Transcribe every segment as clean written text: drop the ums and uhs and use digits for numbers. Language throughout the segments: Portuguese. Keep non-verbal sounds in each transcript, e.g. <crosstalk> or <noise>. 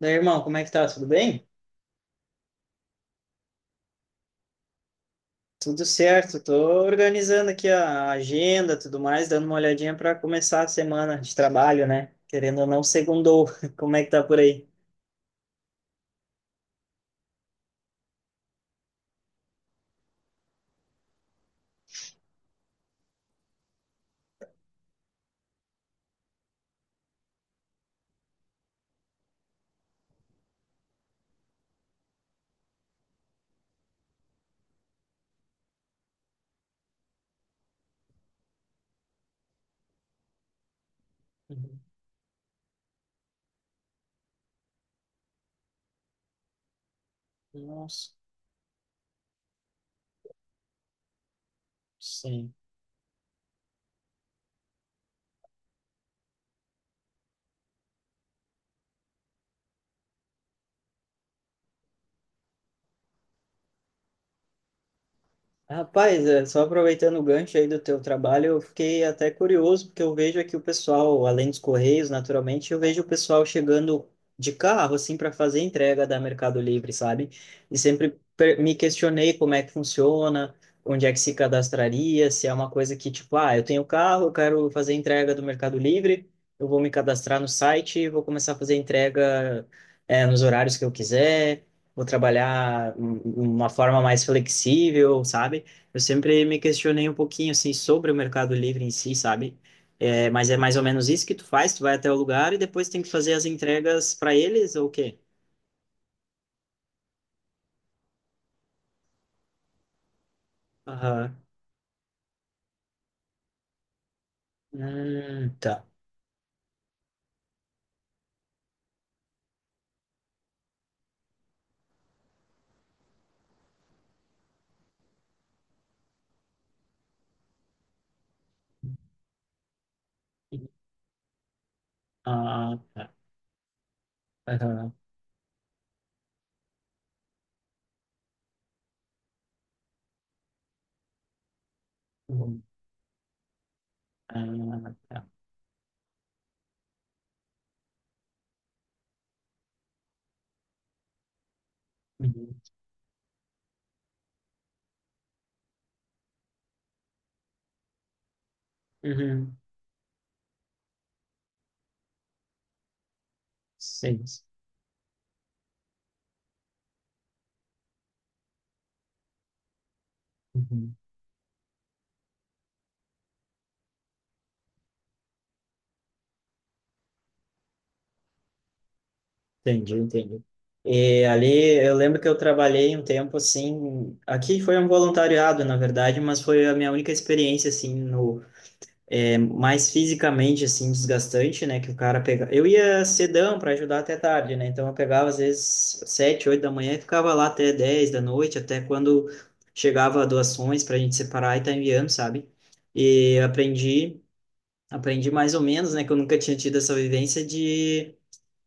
Daí, irmão, como é que tá? Tudo bem? Tudo certo. Tô organizando aqui a agenda, tudo mais, dando uma olhadinha para começar a semana de trabalho, né? Querendo ou não, segundou. <laughs> Como é que tá por aí? Uhum. Nossa, sim. Rapaz, é, só aproveitando o gancho aí do teu trabalho, eu fiquei até curioso, porque eu vejo aqui o pessoal, além dos correios, naturalmente, eu vejo o pessoal chegando de carro, assim, para fazer entrega da Mercado Livre, sabe? E sempre me questionei como é que funciona, onde é que se cadastraria, se é uma coisa que, tipo, ah, eu tenho carro, eu quero fazer entrega do Mercado Livre, eu vou me cadastrar no site, e vou começar a fazer entrega, é, nos horários que eu quiser. Vou trabalhar uma forma mais flexível, sabe? Eu sempre me questionei um pouquinho assim sobre o Mercado Livre em si, sabe? É, mas é mais ou menos isso que tu faz, tu vai até o lugar e depois tem que fazer as entregas para eles ou o quê? Aham. Tá. Ah, tá. Aham. Uhum. Ah, tá. Uhum. Uhum. Sim. Uhum. Entendi, entendi. E ali eu lembro que eu trabalhei um tempo assim, aqui foi um voluntariado, na verdade, mas foi a minha única experiência assim no é mais fisicamente, assim, desgastante, né? Que o cara pega. Eu ia cedão para ajudar até tarde, né? Então eu pegava às vezes 7, 8 da manhã e ficava lá até 10 da noite, até quando chegava doações para a gente separar e tá enviando, sabe? E aprendi, aprendi mais ou menos, né? Que eu nunca tinha tido essa vivência de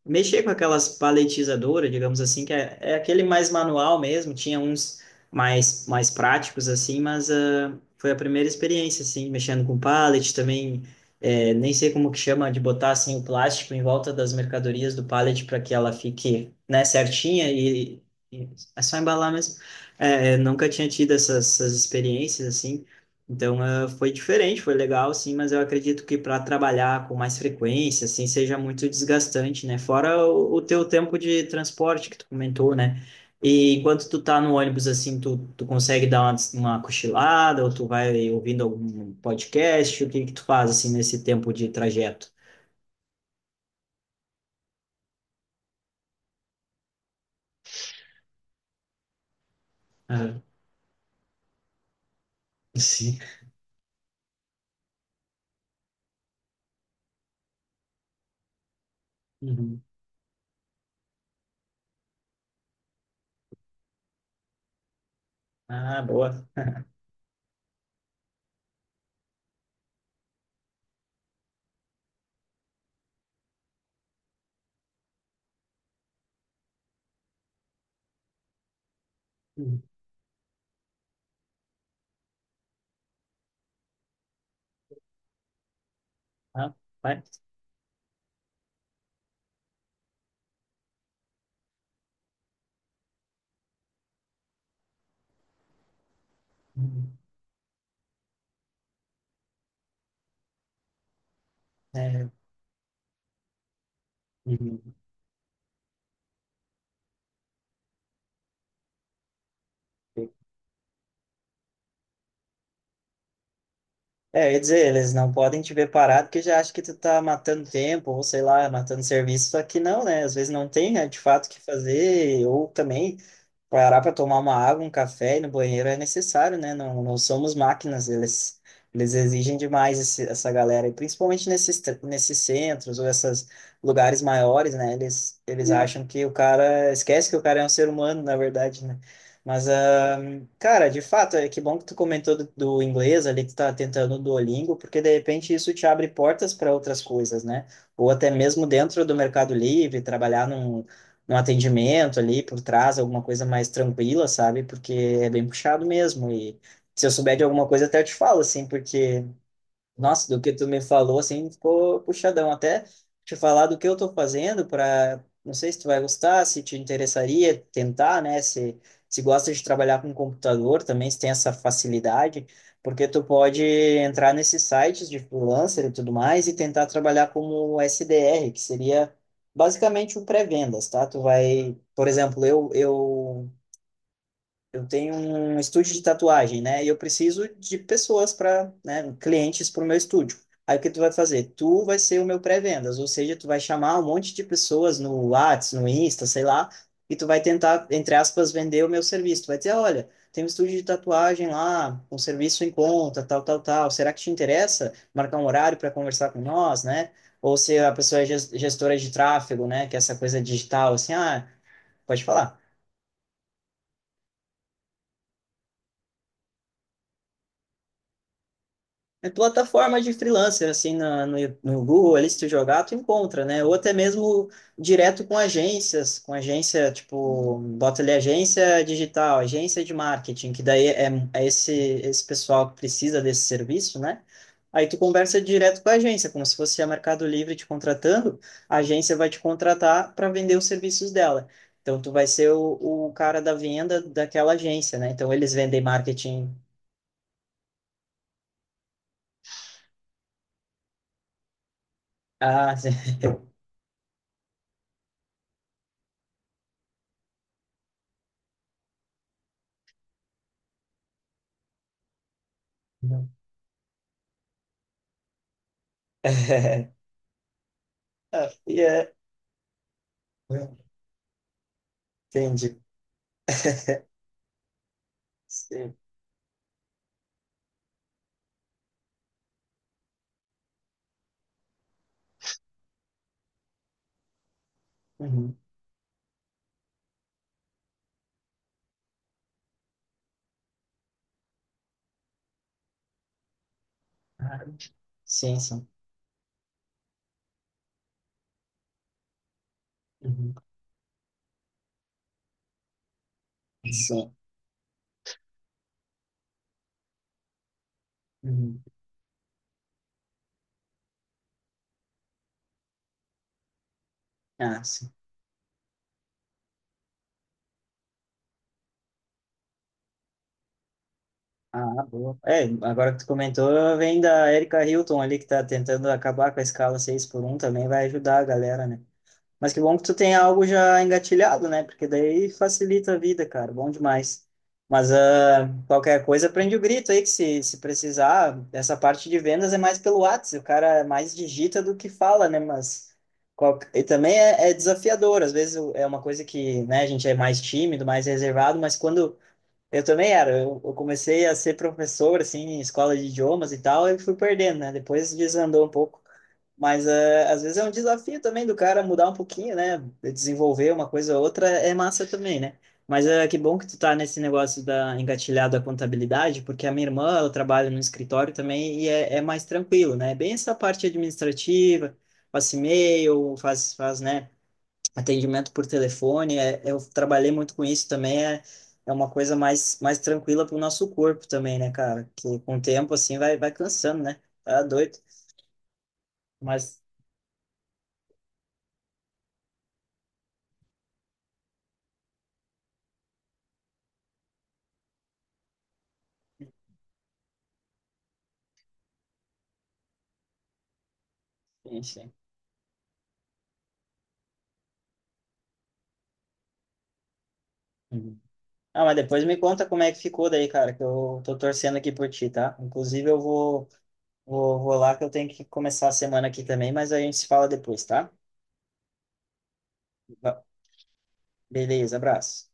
mexer com aquelas paletizadoras, digamos assim, que é aquele mais manual mesmo, tinha uns mais, mais práticos, assim, mas ah, foi a primeira experiência, assim, mexendo com pallet também, é, nem sei como que chama, de botar, assim, o plástico em volta das mercadorias do pallet para que ela fique, né, certinha e é só embalar mesmo. É, eu nunca tinha tido essas experiências, assim, então, foi diferente, foi legal, sim, mas eu acredito que para trabalhar com mais frequência, assim, seja muito desgastante, né? Fora o teu tempo de transporte que tu comentou, né? E enquanto tu tá no ônibus, assim, tu, tu consegue dar uma cochilada ou tu vai ouvindo algum podcast? O que que tu faz, assim, nesse tempo de trajeto? Aham. <laughs> Sim. Uhum. Ah, boa. <laughs> Uhum. Ah, vai. Uhum. É. Uhum. É, eu ia dizer, eles não podem te ver parado porque já acham que tu tá matando tempo, ou sei lá, matando serviço, só que não, né? Às vezes não tem, né, de fato, o que fazer, ou também. Parar para tomar uma água, um café e ir no banheiro é necessário, né? Não, não somos máquinas, eles exigem demais essa galera, e principalmente nesses centros ou esses lugares maiores, né? Eles acham que o cara, esquece que o cara é um ser humano, na verdade, né? Mas, ah, cara, de fato, é que bom que tu comentou do, do inglês ali, que tu tá tentando o Duolingo, porque de repente isso te abre portas para outras coisas, né? Ou até mesmo dentro do Mercado Livre, trabalhar um atendimento ali por trás, alguma coisa mais tranquila, sabe? Porque é bem puxado mesmo. E se eu souber de alguma coisa, até eu te falo, assim, porque nossa, do que tu me falou, assim, ficou puxadão. Até te falar do que eu tô fazendo para, não sei se tu vai gostar, se te interessaria tentar, né? Se gosta de trabalhar com computador também, se tem essa facilidade, porque tu pode entrar nesses sites de freelancer e tudo mais e tentar trabalhar como SDR, que seria basicamente o pré-vendas, tá? Tu vai, por exemplo, eu tenho um estúdio de tatuagem, né? E eu preciso de pessoas para, né, clientes para o meu estúdio. Aí o que tu vai fazer? Tu vai ser o meu pré-vendas, ou seja, tu vai chamar um monte de pessoas no Whats, no Insta, sei lá, e tu vai tentar, entre aspas, vender o meu serviço. Tu vai dizer, olha, tem um estúdio de tatuagem lá, um serviço em conta, tal, tal, tal. Será que te interessa marcar um horário para conversar com nós, né? Ou se a pessoa é gestora de tráfego, né? Que é essa coisa digital, assim, ah, pode falar. É plataforma de freelancer, assim, na, no, no Google, ali, se tu jogar, tu encontra, né? Ou até mesmo direto com agências, com agência, tipo, bota ali agência digital, agência de marketing, que daí é, é esse, esse pessoal que precisa desse serviço, né? Aí tu conversa direto com a agência, como se fosse a Mercado Livre te contratando, a agência vai te contratar para vender os serviços dela. Então, tu vai ser o cara da venda daquela agência, né? Então, eles vendem marketing... Ah, <laughs> <laughs> Ah, e é. Entendi. <laughs> Sim. Uhum. Ah, Sim, sim. Uhum. Sim. Uhum. Ah, sim. Ah, boa. É, agora que tu comentou, vem da Erika Hilton ali, que tá tentando acabar com a escala 6x1 também vai ajudar a galera, né? Mas que bom que tu tem algo já engatilhado, né? Porque daí facilita a vida, cara. Bom demais. Mas ah, qualquer coisa, prende o grito aí, que se precisar, essa parte de vendas é mais pelo WhatsApp. O cara mais digita do que fala, né? Mas e também é, é desafiador. Às vezes é uma coisa que, né, a gente é mais tímido, mais reservado, mas quando eu também era. Eu comecei a ser professor, assim, em escola de idiomas e tal, e fui perdendo, né? Depois desandou um pouco. Mas eh, às vezes é um desafio também do cara mudar um pouquinho, né? Desenvolver uma coisa ou outra é massa também, né? Mas é que bom que tu tá nesse negócio da engatilhado à contabilidade, porque a minha irmã, ela trabalha no escritório também e é, é mais tranquilo, né? É bem essa parte administrativa, passa e-mail, faz, faz, né? Atendimento por telefone, é, eu trabalhei muito com isso também, é, é uma coisa mais, mais tranquila para o nosso corpo também, né, cara? Que com o tempo, assim, vai, vai cansando, né? Tá doido. Mas, enfim. Uhum. Ah, mas depois me conta como é que ficou daí, cara, que eu tô torcendo aqui por ti, tá? Inclusive, eu vou lá que eu tenho que começar a semana aqui também, mas a gente se fala depois, tá? Va- Beleza, abraço.